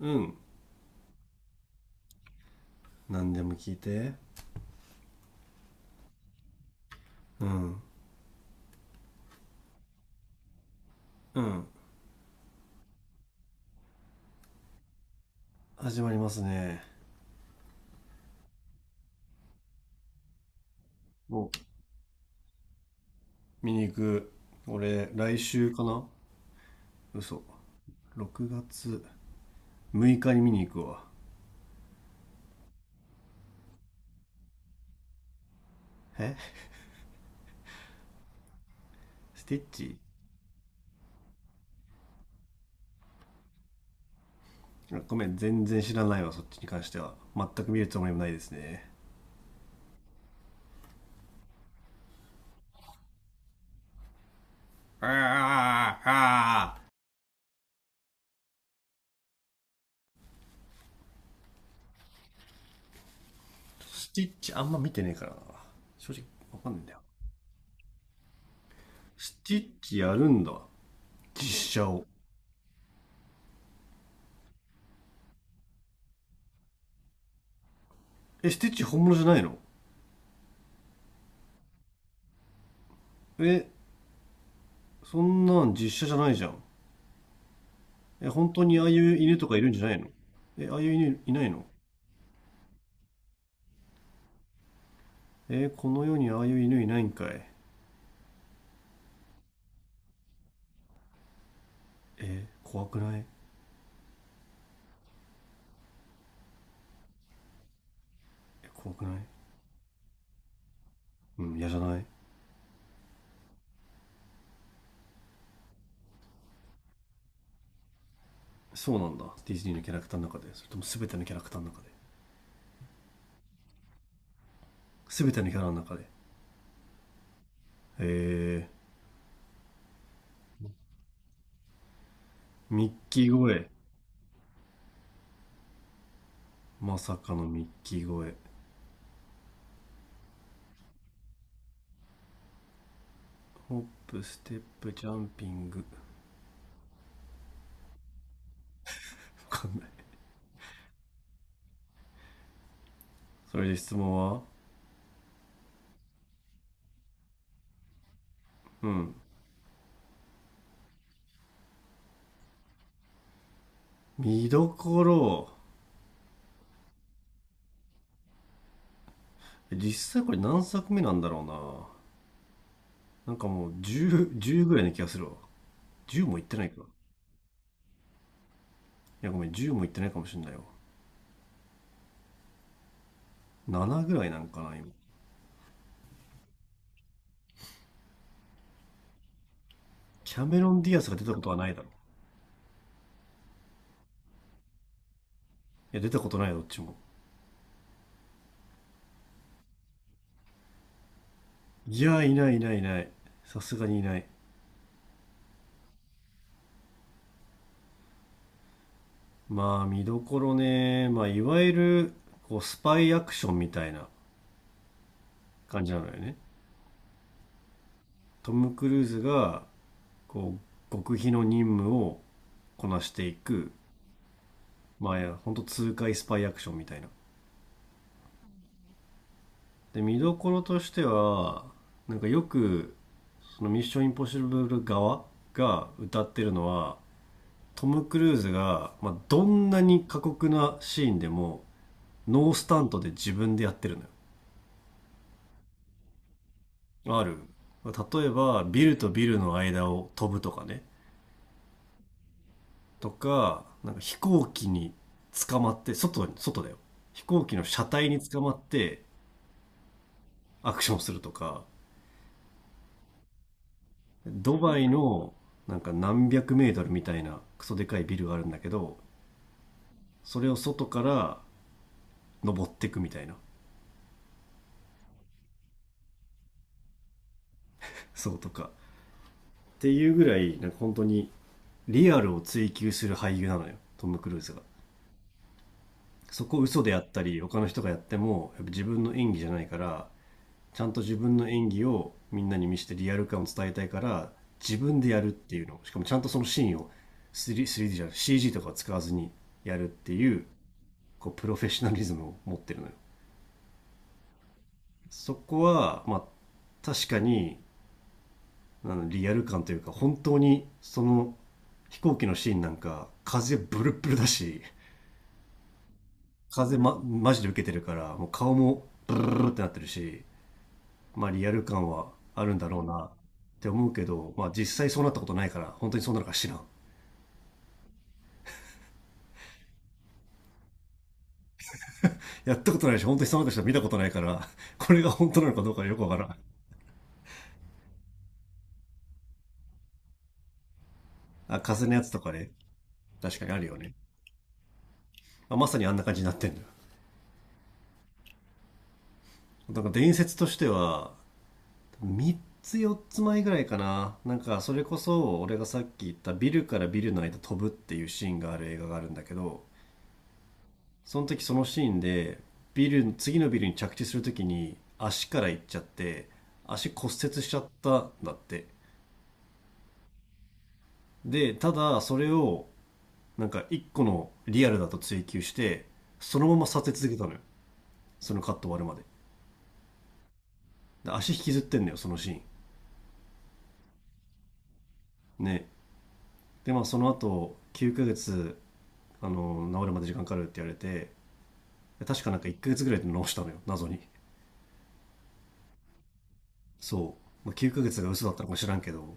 うん。何でも聞いて。うん。うん。始まりますね。もう見に行く。俺来週かな。嘘。6月6日に見に行くわ。え、スティッチ。あ、ごめん、全然知らないわ。そっちに関しては全く見るつもりもないですね。あー。あー。スティッチあんま見てねえからな、正直。わかんないんだよ。スティッチやるんだ、実写を。え、スティッチ本物じゃないの？え、そんなん実写じゃないじゃん。え、本当にああいう犬とかいるんじゃないの？え、ああいう犬いないの？え、この世にああいう犬いないんかい。え、怖くない？え、怖くない？うん、嫌じゃない？そうなんだ。ディズニーのキャラクターの中で？それとも全てのキャラクターの中で？全てのキャラの中で？えー、ミッキー声。まさかのミッキー声。ホップ、ステップ、ジャンピング。わかんない。それで質問は？うん。見どころ。実際これ何作目なんだろうな。なんかもう10ぐらいな気がするわ。10もいってないか。いや、ごめん、10もいってないかもしれないよ。7ぐらいなんかな、今。キャメロン・ディアスが出たことはないだろ。いや、出たことないよ、どっちも。いや、いないいないいない。さすがにいない。まあ、見どころね。まあ、いわゆる、こう、スパイアクションみたいな感じなのよね。トム・クルーズが、こう、極秘の任務をこなしていく。まあ、いや、ほんと痛快スパイアクションみたいな。で、見どころとしては、なんかよく、そのミッションインポッシブル側が歌ってるのは、トム・クルーズが、まあ、どんなに過酷なシーンでもノースタントで自分でやってるのよ。ある、例えばビルとビルの間を飛ぶとかね。とかなんか飛行機に捕まって外に、外だよ、飛行機の車体に捕まってアクションするとか。ドバイのなんか何百メートルみたいなクソでかいビルがあるんだけど、それを外から登っていくみたいな。そうとかっていうぐらい、なんか本当にリアルを追求する俳優なのよ、トム・クルーズが。そこを嘘でやったり他の人がやってもやっぱ自分の演技じゃないから、ちゃんと自分の演技をみんなに見せてリアル感を伝えたいから自分でやるっていう。のしかもちゃんとそのシーンを 3D, じゃない CG とか使わずにやるっていう、こうプロフェッショナリズムを持ってるのよ。そこはまあ確かに、あの、リアル感というか本当にその飛行機のシーンなんか風ブルッブルだし、風、ま、マジで受けてるからもう顔もブルルルルってなってるし、まあリアル感はあるんだろうなって思うけど、まあ実際そうなったことないから本当にそうなのか知らん。やったことないし本当にそうなった人は見たことないから、これが本当なのかどうかよくわからん。あ、風のやつとかね。確かにあるよね、まあまさにあんな感じになってんだよ。なんか伝説としては3つ4つ前ぐらいかな、なんかそれこそ俺がさっき言ったビルからビルの間飛ぶっていうシーンがある映画があるんだけど、その時そのシーンで、次のビルに着地する時に足から行っちゃって足骨折しちゃったんだって。でただそれをなんか一個のリアルだと追求してそのまま撮影続けたのよ、そのカット終わるまで。で足引きずってんのよ、そのシーン。ね。でまあその後9ヶ月、あの、治るまで時間かかるって言われて、確かなんか1ヶ月ぐらいで直したのよ、謎に。そう。まあ、9ヶ月が嘘だったのか知らんけど、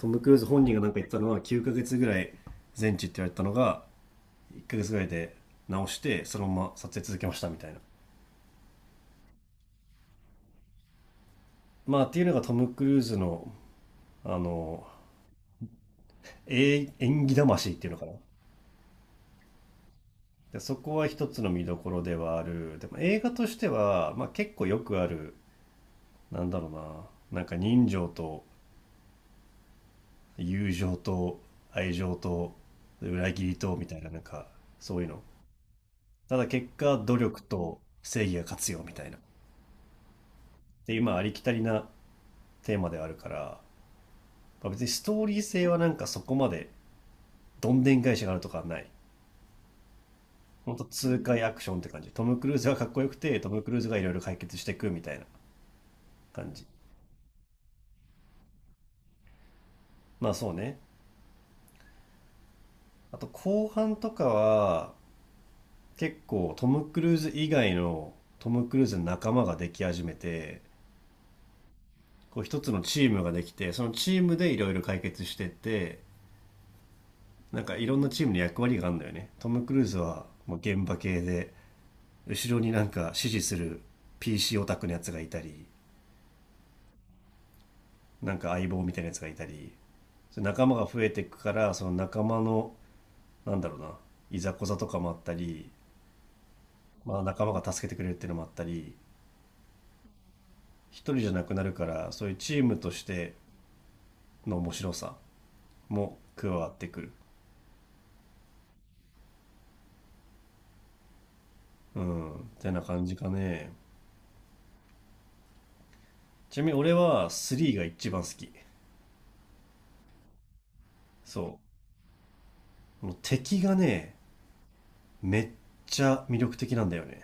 トム・クルーズ本人がなんか言ったのは9ヶ月ぐらい全治って言われたのが、1ヶ月ぐらいで直して、そのまま撮影続けましたみたいな。まあっていうのがトム・クルーズの、あの、演技魂っていうのかな。でそこは一つの見どころではある。でも映画としては、まあ結構よくある、なんだろうな、なんか人情と友情と愛情と裏切りとみたいな、なんかそういうの。ただ結果努力と正義が勝つよみたいな。で今ありきたりなテーマであるから、まあ別にストーリー性はなんかそこまでどんでん返しがあるとかはない。ほんと痛快アクションって感じ、トム・クルーズがかっこよくてトム・クルーズがいろいろ解決していくみたいな感じ。まあそうね。あと後半とかは結構トム・クルーズ以外の、トム・クルーズの仲間ができ始めて、こう一つのチームができてそのチームでいろいろ解決してって、なんかいろんなチームに役割があるんだよね。トム・クルーズはもう現場系で、後ろになんか支持する PC オタクのやつがいたり、なんか相棒みたいなやつがいたり、それ仲間が増えていくからその仲間の、なんだろうな、いざこざとかもあったり、まあ、仲間が助けてくれるっていうのもあったり、一人じゃなくなるから、そういうチームとしての面白さも加わってくる。うんってな感じかね。ちなみに俺は3が一番好き。そう。この敵がね、めっちゃ魅力的なんだよね。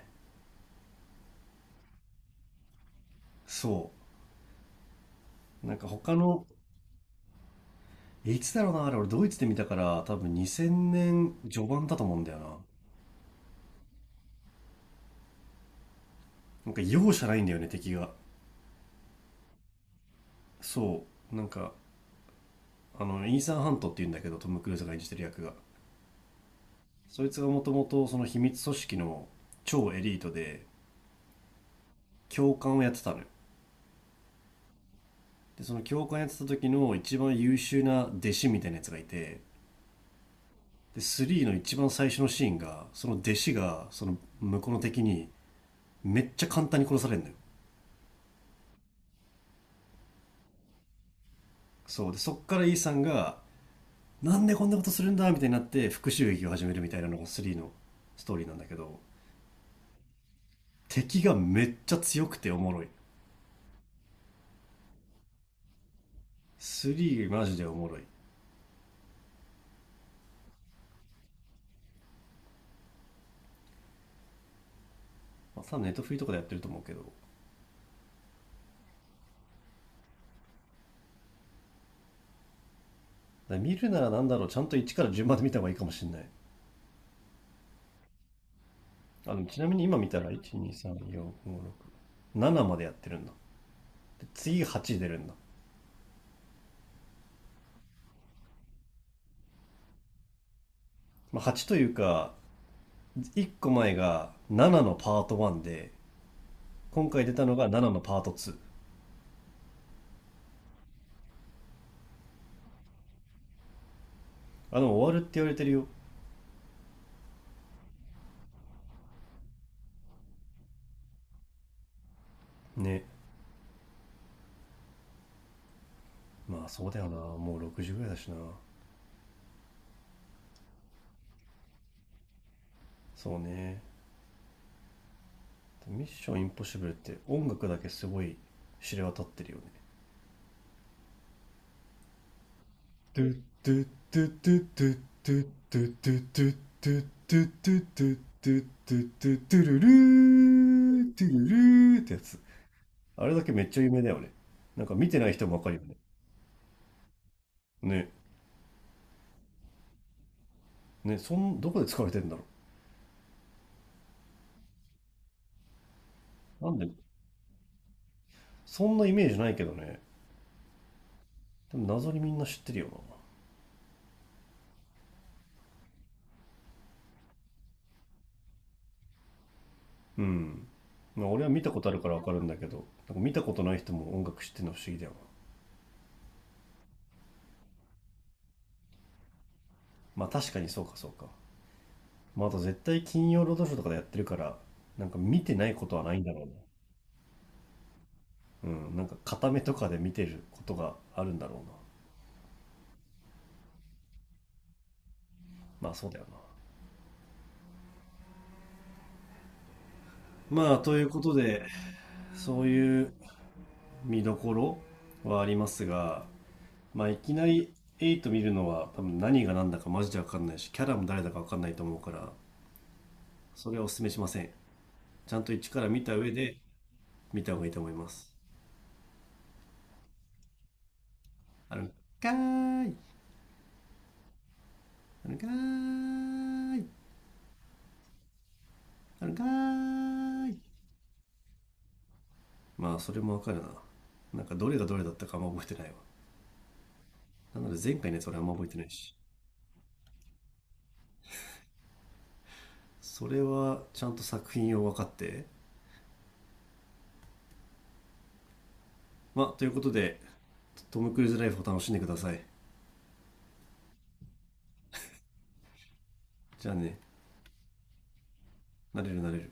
そう。なんか他の、いつだろうな、あれ俺ドイツで見たから多分2000年序盤だと思うんだよな。なんか容赦ないんだよね、敵が。そう。なんか、あの、イーサン・ハントって言うんだけど、トム・クルーズが演じてる役が。そいつがもともとその秘密組織の超エリートで、教官をやってたのよ。で、その教官やってた時の一番優秀な弟子みたいなやつがいて、で3の一番最初のシーンがその弟子がその向こうの敵にめっちゃ簡単に殺されるのよ。そうで、そっからイーさんがなんでこんなことするんだみたいになって復讐劇を始めるみたいなのが3のストーリーなんだけど、敵がめっちゃ強くておもろい。3マジでおもろい。まあ、多分ネットフリーとかでやってると思うけど、だから見るなら、なんだろう、ちゃんと1から順番で見た方がいいかもしれない。あの、ちなみに今見たら1、2、3、4、5、6、7までやってるんだ。で次8出るんだ、まあ、8というか1個前が7のパート1で、今回出たのが7のパート2。あ、でも終わるって言われてるよ。ね。まあそうだよな。もう6時ぐらいだしな。そうね。ミッションインポッシブルって音楽だけすごい知れ渡ってるよね。ドゥドゥドゥドゥドゥドゥドゥドゥドゥドゥドゥドゥドゥドゥドゥトゥトゥルルードゥルルーってやつ。あれだけめっちゃ有名だよね。なんか見てない人もわかるよね。ね。ね、どこで使われてんだろう。なんでそんなイメージないけどね。でも謎にみんな知ってるよな。うん。まあ俺は見たことあるからわかるんだけど、なんか見たことない人も音楽知ってるの不思議だよな。まあ確かにそうかそうか。まああと絶対金曜ロードショーとかでやってるから、なんか見てないことはないんだろうな。うん。なんか片目とかで見てることがあるんだろうな。まあそうだよな。まあということで、そういう見どころはありますが、まあいきなり8見るのは多分何が何だかマジで分かんないしキャラも誰だか分かんないと思うから、それはお勧めしません。ちゃんと一から見た上で見た方がいいと思います。あるんかーい。あるんかーい。あるんかーい。まあ、それもわかるな。なんかどれがどれだったかあんま覚えてないわ。なので前回ね、それあんま覚えてないし。それはちゃんと作品を分かって。まあ、ということで、トム・クルーズライフを楽しんでください。じゃあね、なれるなれる。